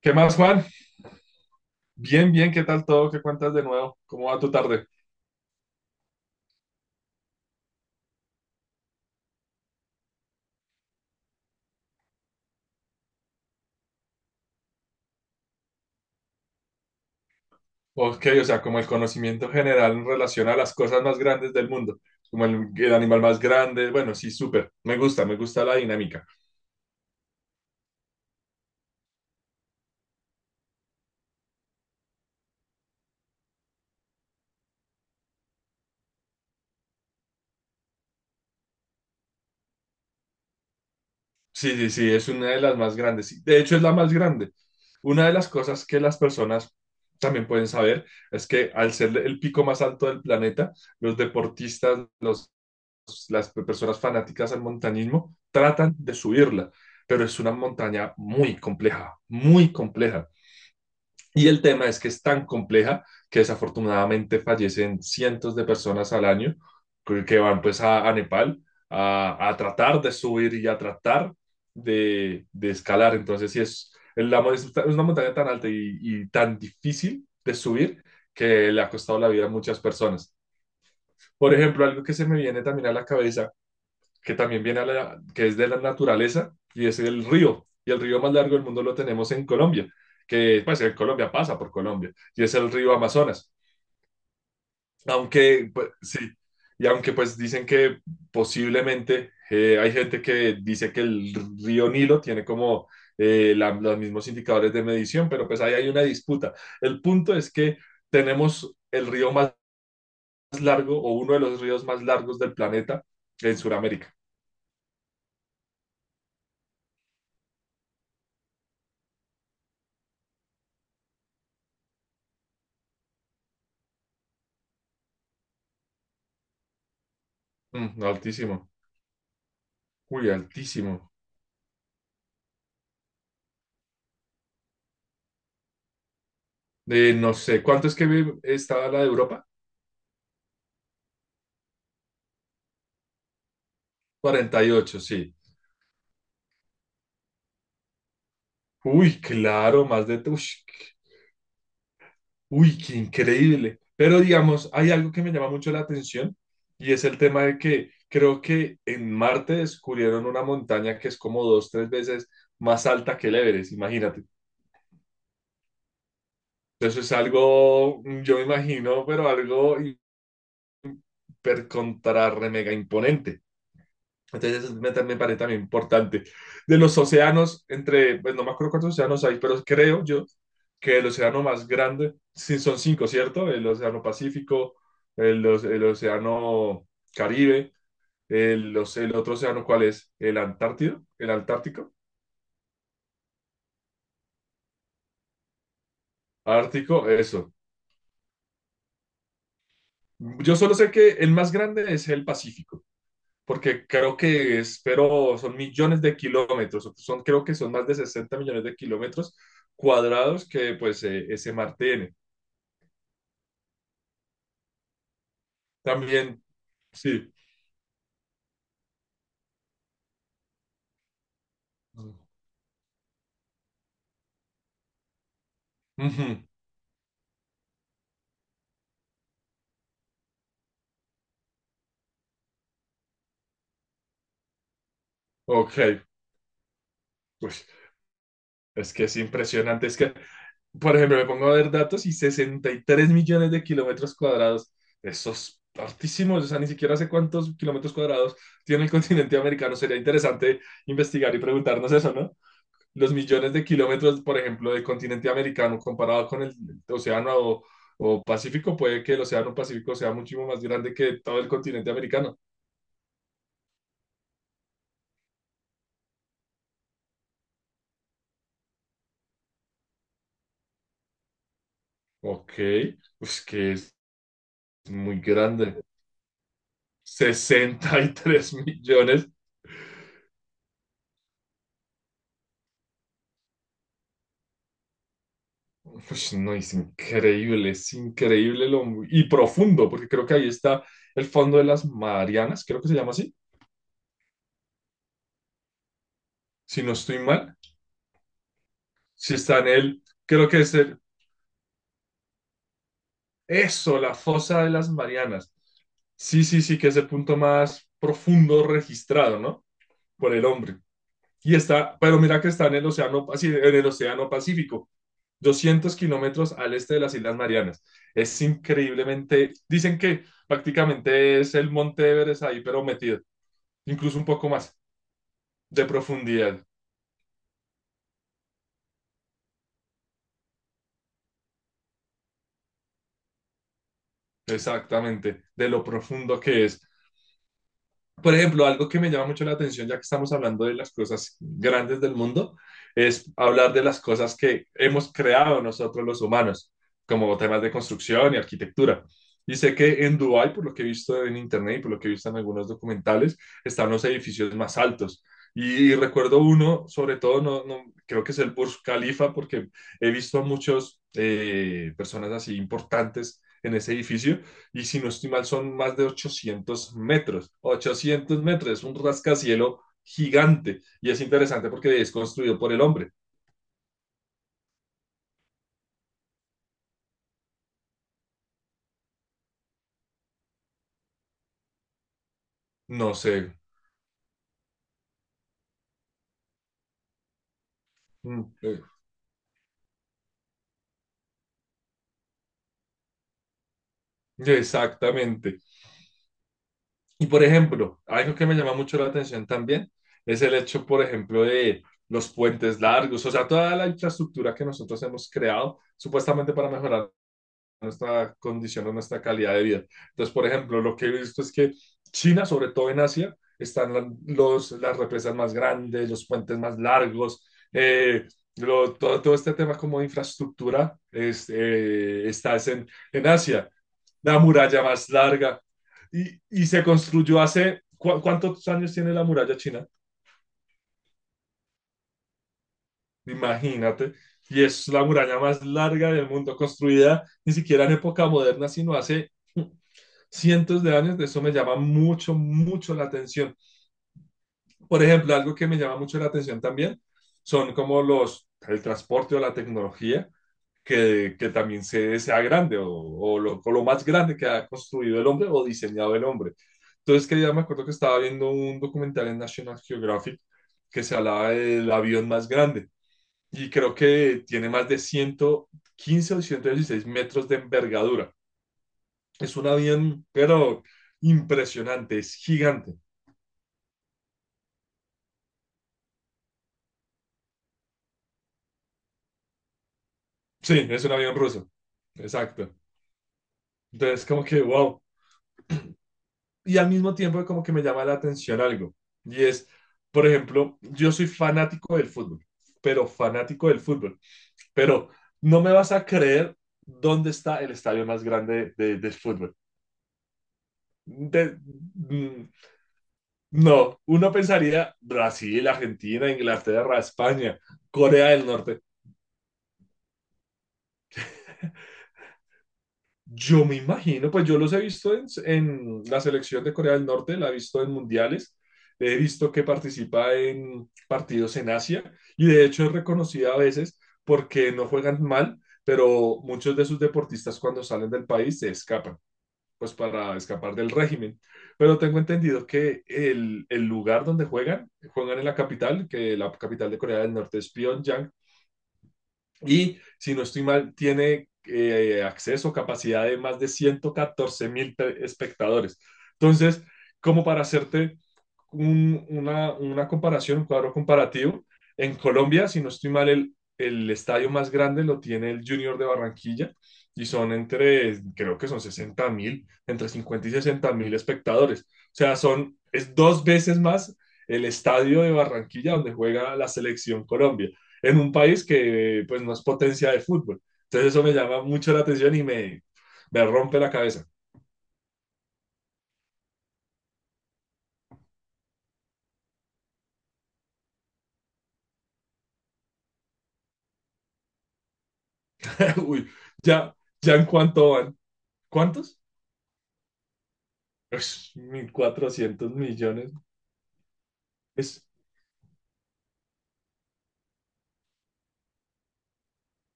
¿Qué más, Juan? Bien, bien, ¿qué tal todo? ¿Qué cuentas de nuevo? ¿Cómo va tu tarde? Ok, o sea, como el conocimiento general en relación a las cosas más grandes del mundo, como el animal más grande, bueno, sí, súper, me gusta la dinámica. Sí, sí, sí, es una de las más grandes. Y de hecho, es la más grande. Una de las cosas que las personas también pueden saber es que al ser el pico más alto del planeta, los deportistas, las personas fanáticas al montañismo tratan de subirla, pero es una montaña muy compleja, muy compleja. Y el tema es que es tan compleja que desafortunadamente fallecen cientos de personas al año que van pues a Nepal a tratar de subir y a tratar de escalar. Entonces, sí, es una montaña tan alta y tan difícil de subir que le ha costado la vida a muchas personas. Por ejemplo, algo que se me viene también a la cabeza que también viene que es de la naturaleza y es el río. Y el río más largo del mundo lo tenemos en Colombia, que pues en Colombia pasa por Colombia, y es el río Amazonas. Aunque, pues, sí, y aunque pues dicen que posiblemente hay gente que dice que el río Nilo tiene como los mismos indicadores de medición, pero pues ahí hay una disputa. El punto es que tenemos el río más largo o uno de los ríos más largos del planeta en Sudamérica. Altísimo. Uy, altísimo. No sé, ¿cuánto es que estaba la de Europa? 48, sí. Uy, claro, Ush, uy, qué increíble. Pero digamos, hay algo que me llama mucho la atención y es el tema de que creo que en Marte descubrieron una montaña que es como dos, tres veces más alta que el Everest, imagínate. Eso es algo, yo me imagino, pero algo hiper contra re mega imponente. Entonces eso me parece también importante. De los océanos, pues no me acuerdo cuántos océanos hay, pero creo yo que el océano más grande, sí, son cinco, ¿cierto? El océano Pacífico, el océano Caribe, el otro océano, ¿cuál es? El Antártido, el Antártico, Ártico, eso. Yo solo sé que el más grande es el Pacífico, porque creo que es, pero son millones de kilómetros, creo que son más de 60 millones de kilómetros cuadrados que pues ese mar tiene. También, sí. Ujú. Ok, pues es que es impresionante, por ejemplo, me pongo a ver datos y 63 millones de kilómetros cuadrados, esos hartísimos, o sea, ni siquiera sé cuántos kilómetros cuadrados tiene el continente americano, sería interesante investigar y preguntarnos eso, ¿no? Los millones de kilómetros, por ejemplo, del continente americano comparado con el océano o Pacífico, puede que el océano Pacífico sea muchísimo más grande que todo el continente americano. Ok, pues que es muy grande. 63 millones. Pues no, es increíble y profundo, porque creo que ahí está el fondo de las Marianas, creo que se llama así, si no estoy mal. Si está en el, creo que es el. Eso, la fosa de las Marianas. Sí, sí, sí, que es el punto más profundo registrado, ¿no? Por el hombre. Y está, pero mira que está en el océano, en el océano Pacífico, 200 km al este de las Islas Marianas. Es increíblemente, dicen que prácticamente es el Monte Everest ahí, pero metido, incluso un poco más de profundidad, exactamente, de lo profundo que es. Por ejemplo, algo que me llama mucho la atención, ya que estamos hablando de las cosas grandes del mundo, es hablar de las cosas que hemos creado nosotros los humanos, como temas de construcción y arquitectura. Y sé que en Dubái, por lo que he visto en internet y por lo que he visto en algunos documentales, están los edificios más altos. Y recuerdo uno, sobre todo, no, creo que es el Burj Khalifa, porque he visto a muchas personas así importantes en ese edificio y si no estoy mal son más de 800 m. 800 m, es un rascacielo gigante y es interesante porque es construido por el hombre. No sé, mm, eh, exactamente. Y por ejemplo, algo que me llama mucho la atención también es el hecho, por ejemplo, de los puentes largos, o sea, toda la infraestructura que nosotros hemos creado supuestamente para mejorar nuestra condición o nuestra calidad de vida. Entonces, por ejemplo, lo que he visto es que China, sobre todo en Asia, están las represas más grandes, los puentes más largos, eh, todo, este tema como de infraestructura está en Asia, la muralla más larga. Y se construyó hace, ¿cu ¿cuántos años tiene la muralla china? Imagínate. Y es la muralla más larga del mundo, construida ni siquiera en época moderna, sino hace cientos de años, de eso me llama mucho, mucho la atención. Por ejemplo, algo que me llama mucho la atención también son como el transporte o la tecnología que también sea grande o lo más grande que ha construido el hombre o diseñado el hombre. Entonces, que ya me acuerdo que estaba viendo un documental en National Geographic que se hablaba del avión más grande y creo que tiene más de 115 o 116 m de envergadura. Es un avión, pero impresionante, es gigante. Sí, es un avión ruso. Exacto. Entonces, como que, wow. Y al mismo tiempo, como que me llama la atención algo. Y es, por ejemplo, yo soy fanático del fútbol, pero fanático del fútbol. Pero no me vas a creer dónde está el estadio más grande del fútbol. De- mm, no, uno pensaría Brasil, Argentina, Inglaterra, España, Corea del Norte. Yo me imagino, pues yo los he visto en, la selección de Corea del Norte, la he visto en mundiales, he visto que participa en partidos en Asia y de hecho es reconocida a veces porque no juegan mal, pero muchos de sus deportistas cuando salen del país se escapan, pues para escapar del régimen. Pero tengo entendido que el lugar donde juegan en la capital, que la capital de Corea del Norte es Pyongyang, y si no estoy mal, tiene capacidad de más de 114 mil espectadores. Entonces, como para hacerte una comparación, un cuadro comparativo, en Colombia, si no estoy mal, el estadio más grande lo tiene el Junior de Barranquilla y son creo que son 60 mil, entre 50 y 60 mil espectadores. O sea, es dos veces más el estadio de Barranquilla donde juega la selección Colombia en un país que pues no es potencia de fútbol. Entonces eso me llama mucho la atención y me rompe la cabeza. Uy, ya, ya en cuánto van. ¿Cuántos? Ush, 1.400 millones. Es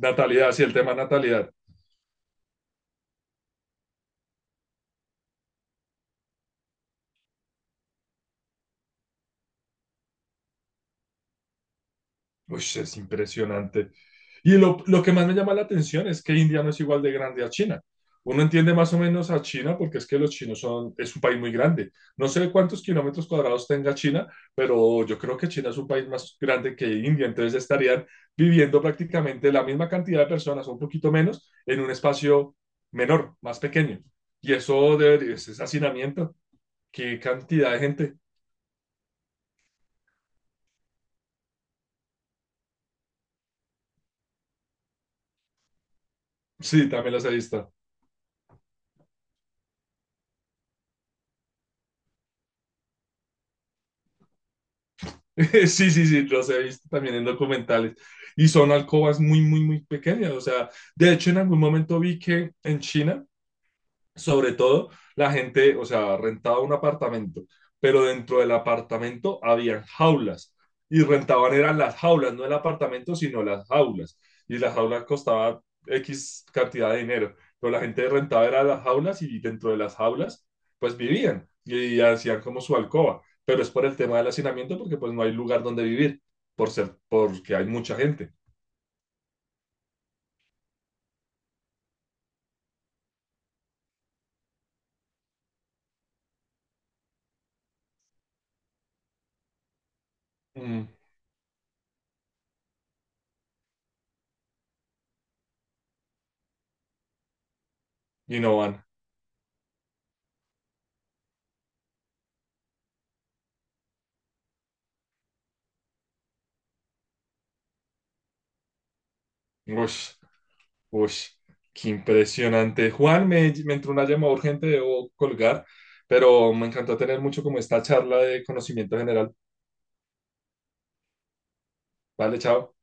natalidad, sí, el tema natalidad. Uy, es impresionante. Y lo que más me llama la atención es que India no es igual de grande a China. Uno entiende más o menos a China porque es que los chinos son, es un país muy grande. No sé cuántos kilómetros cuadrados tenga China, pero yo creo que China es un país más grande que India, entonces estarían viviendo prácticamente la misma cantidad de personas, un poquito menos, en un espacio menor, más pequeño. Y eso ese hacinamiento, qué cantidad de gente. Sí, también las he visto. Sí, sí, sí, los he visto también en documentales. Y son alcobas muy, muy, muy pequeñas. O sea, de hecho, en algún momento vi que en China sobre todo la gente, o sea, rentaba un apartamento, pero dentro del apartamento habían jaulas y rentaban eran las jaulas, no el apartamento, sino las jaulas. Y las jaulas costaban X cantidad de dinero, pero la gente rentaba era las jaulas y dentro de las jaulas pues vivían y hacían como su alcoba, pero es por el tema del hacinamiento porque pues no hay lugar donde vivir por ser porque hay mucha gente. Mm. Y no van. Ush. Uy, qué impresionante. Juan, me entró una llamada urgente, debo colgar, pero me encantó tener mucho como esta charla de conocimiento general. Vale, chao.